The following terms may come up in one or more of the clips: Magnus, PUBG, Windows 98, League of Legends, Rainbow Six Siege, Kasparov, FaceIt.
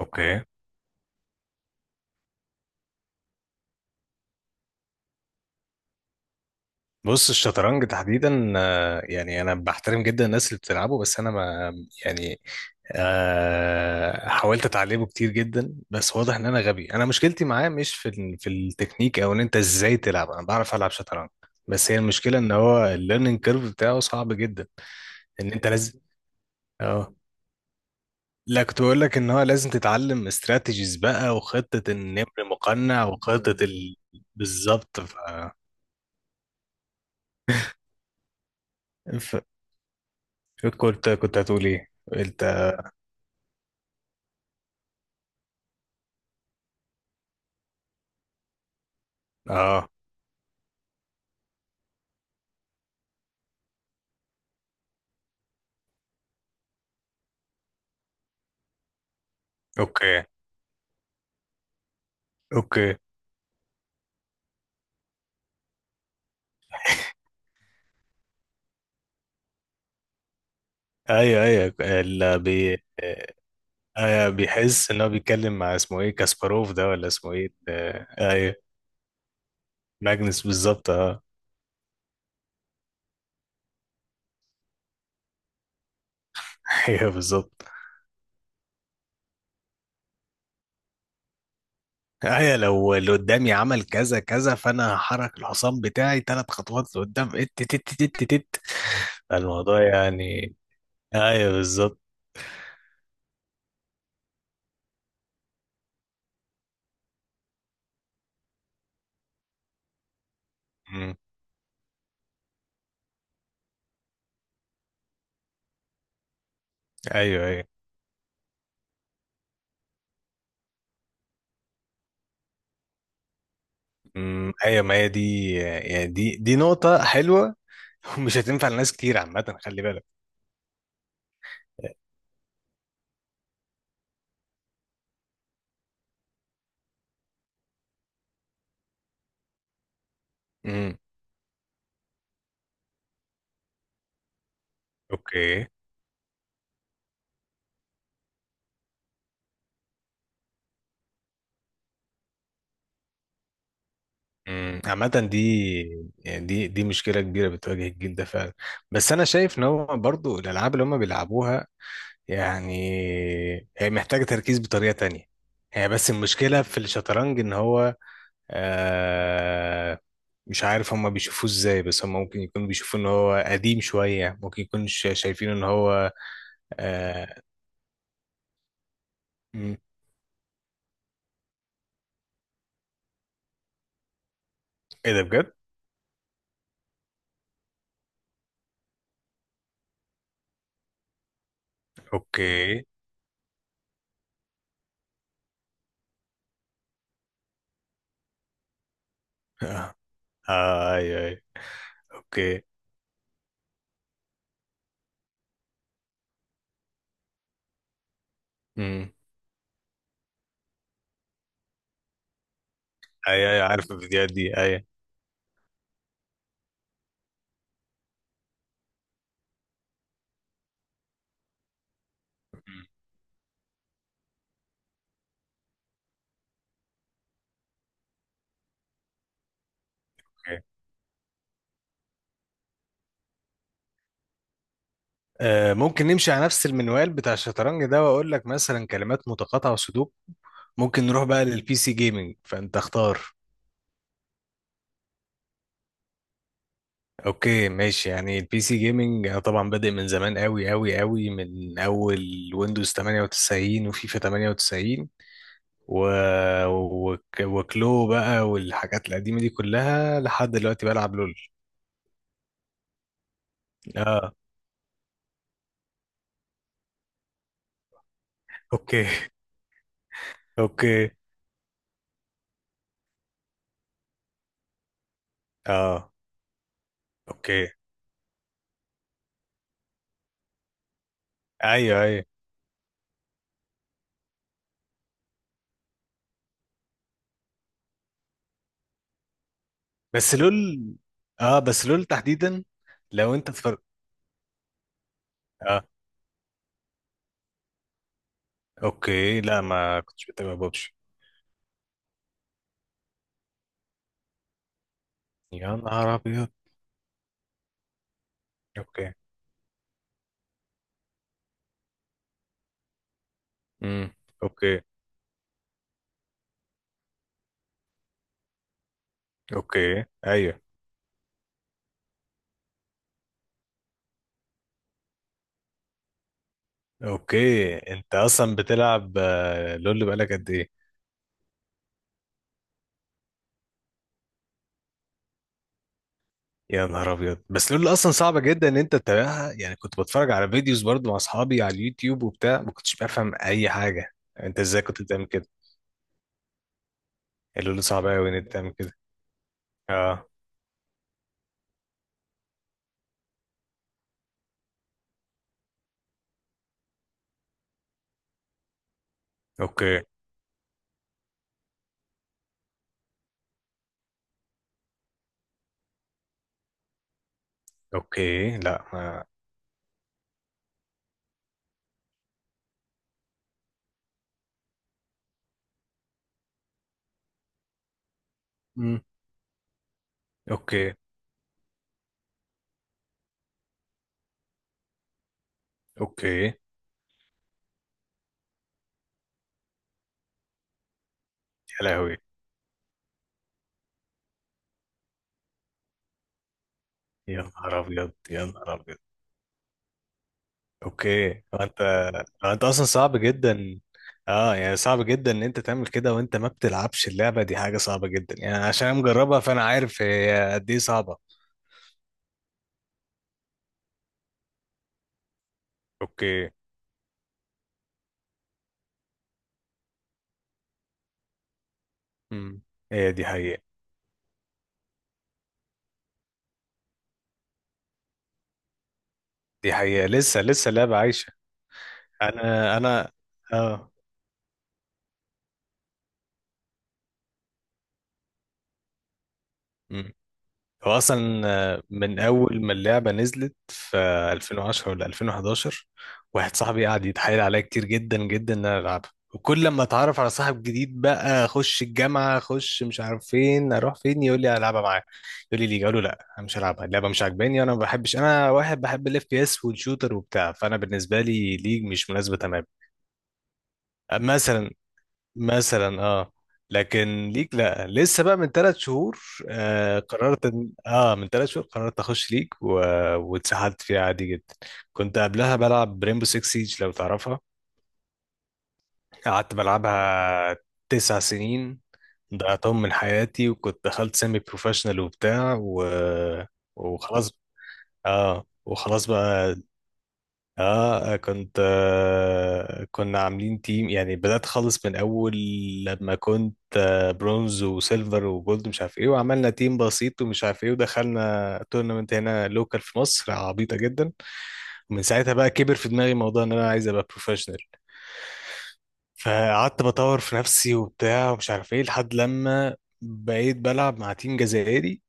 اوكي، بص. الشطرنج تحديدا، يعني انا بحترم جدا الناس اللي بتلعبه، بس انا ما يعني حاولت اتعلمه كتير جدا، بس واضح ان انا غبي. انا مشكلتي معاه مش في التكنيك او ان انت ازاي تلعب، انا بعرف العب شطرنج. بس هي المشكله ان هو الليرنينج كيرف بتاعه صعب جدا، ان انت لازم. اه، لا، كنت بقول لك ان هو لازم تتعلم استراتيجيز بقى، وخطه النمر مقنع، وخطه ال... بالظبط. ف... ف... كنت هتقول ايه؟ اه. اوكي. اوكي. ايوه، ايوه. اللي بي ايوه، بيحس ان هو بيتكلم مع اسمه ايه كاسباروف ده، ولا اسمه ايه، ايوه. ماجنس بالظبط، اه. ايوه، بالظبط. ايوه، لو اللي قدامي عمل كذا كذا فانا هحرك الحصان بتاعي ثلاث خطوات لقدام ات تت تت تت تت. الموضوع يعني. ايوه، بالظبط. مم. ايوه، ايوه. مم. ايوه، ما هي دي، يعني دي نقطة حلوة. ومش هتنفع لناس كتير عامة، خلي بالك. امم. اوكي. مم. عامة دي، يعني دي مشكلة كبيرة بتواجه الجيل ده فعلا. بس أنا شايف إن هو برضو الألعاب اللي هم بيلعبوها، يعني هي محتاجة تركيز بطريقة تانية. هي بس المشكلة في الشطرنج إن هو آه، مش عارف هم بيشوفوه إزاي، بس هم ممكن يكونوا بيشوفوه إن هو قديم شوية، ممكن يكونوا شايفين إن هو آه. مم. إيه ده بجد؟ أوكي. آه. آه، أيوه أيوه. أوكي. مم. أيوه أيوه، عارف الفيديوهات دي، أيوه. مم. آه، ممكن نمشي على نفس المنوال بتاع الشطرنج ده، واقول لك مثلا كلمات متقاطعة وسودوك. ممكن نروح بقى للبي سي جيمنج، فانت اختار. اوكي، ماشي. يعني البي سي جيمنج انا طبعا بادئ من زمان قوي قوي قوي، من اول ويندوز 98 وفيفا 98 و... وكلو بقى، والحاجات القديمة دي كلها لحد دلوقتي بلعب لول. اه. اوكي. اوكي. اه. اوكي. ايوه، ايوه، بس لول. اه، بس لول تحديدا. لو انت اتفرج، اه. اوكي، لا، ما كنتش بتابع بابجي. يا نهار ابيض. اوكي. امم. اوكي. اوكي. ايوه. اوكي. انت اصلا بتلعب آه، لول بقالك قد ايه؟ يا نهار ابيض. بس لول اصلا صعبه جدا ان انت تتابعها، يعني كنت بتفرج على فيديوز برضو مع اصحابي على اليوتيوب وبتاع، ما كنتش بفهم اي حاجه. انت ازاي كنت بتعمل كده؟ اللول صعب قوي ان انت تعمل كده. اه. اوكي. اوكي. لا، ما. مم. اوكي. اوكي. يا لهوي، يا نهار ابيض، يا نهار ابيض. اوكي. هو انت. هو انت اصلا صعب جدا. اه، يعني صعب جدا ان انت تعمل كده وانت ما بتلعبش اللعبه دي، حاجه صعبه جدا يعني، عشان أنا مجربها فانا عارف هي قد ايه صعبه. اوكي. امم. هي دي حقيقه. دي حقيقه، لسه لسه اللعبه عايشه. انا اه. هو اصلا من اول ما اللعبه نزلت في 2010 ولا 2011، واحد صاحبي قعد يتحايل عليا كتير جدا جدا ان انا العبها، وكل لما اتعرف على صاحب جديد بقى اخش الجامعه اخش مش عارف فين اروح فين يقول لي العبها معاه. يقول لي ليه، اقول له لا انا مش هلعبها، اللعبه مش عاجباني، انا ما بحبش، انا واحد بحب الاف بي اس والشوتر وبتاع، فانا بالنسبه لي ليج مش مناسبه تمام. مثلا. مثلا، اه. لكن ليك لا، لسه بقى من 3 شهور. آه، قررت إن- اه من 3 شهور قررت اخش ليج و... واتسحلت فيها عادي جدا. كنت قبلها بلعب ريمبو 6 سيج، لو تعرفها. قعدت بلعبها 9 سنين ضيعتهم من حياتي، وكنت دخلت سيمي بروفيشنال وبتاع و... وخلاص. اه، وخلاص بقى. اه، آه، كنت آه كنا عاملين تيم، يعني بدأت خالص من اول، لما كنت برونز وسيلفر وجولد مش عارف ايه، وعملنا تيم بسيط ومش عارف ايه ودخلنا تورنمنت هنا لوكال في مصر عبيطة جدا. ومن ساعتها بقى كبر في دماغي موضوع ان انا عايز ابقى بروفيشنال، فقعدت بطور في نفسي وبتاع ومش عارف ايه، لحد لما بقيت بلعب مع تيم جزائري.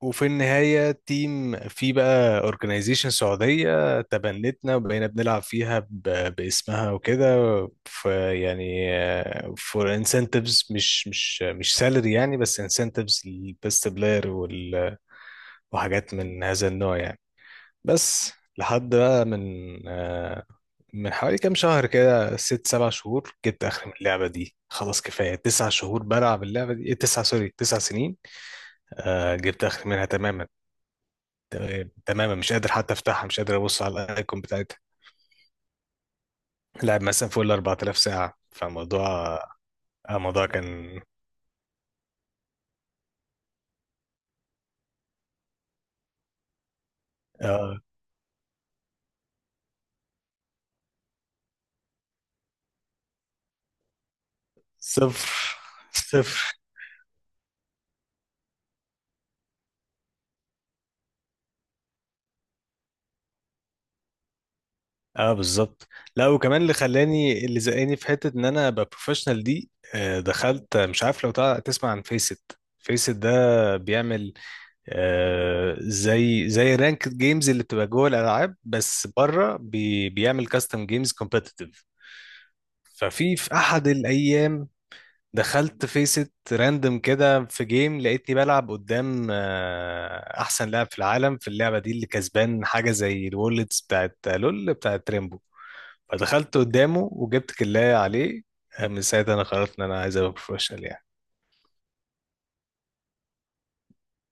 وفي النهاية تيم، في بقى اورجنايزيشن سعودية تبنتنا، وبقينا بنلعب فيها باسمها وكده. فيعني، فور انسنتفز، مش سالري يعني، بس انسنتفز للبيست بلاير، وحاجات من هذا النوع يعني. بس لحد بقى من آه، من حوالي كام شهر كده، 6 7 شهور، جبت اخر من اللعبة دي، خلاص كفاية، 9 شهور بلعب اللعبة دي إيه، تسع سوري، 9 سنين. جبت اخر منها تماما، تماما مش قادر حتى افتحها، مش قادر ابص على الايكون بتاعتها. لعب مثلا فوق ال 4000 ساعه، فموضوع آه، موضوع كان آه صفر صفر. اه، بالظبط. لا، وكمان اللي خلاني، اللي زقاني في حته ان انا ابقى بروفيشنال دي، آه دخلت مش عارف لو تسمع عن فيسد. فيسد ده بيعمل آه، زي رانك جيمز اللي بتبقى جوه الالعاب، بس بره بيعمل كاستم جيمز كومبتيتيف. ففي احد الايام دخلت فيست راندم كده في جيم، لقيتني بلعب قدام آه، احسن لاعب في العالم في اللعبه دي، اللي كسبان حاجه زي الوورلدز بتاعت لول بتاعت ريمبو. فدخلت قدامه وجبت كلاية عليه. آه، من ساعتها انا قررت ان انا عايز ابقى بروفيشنال يعني.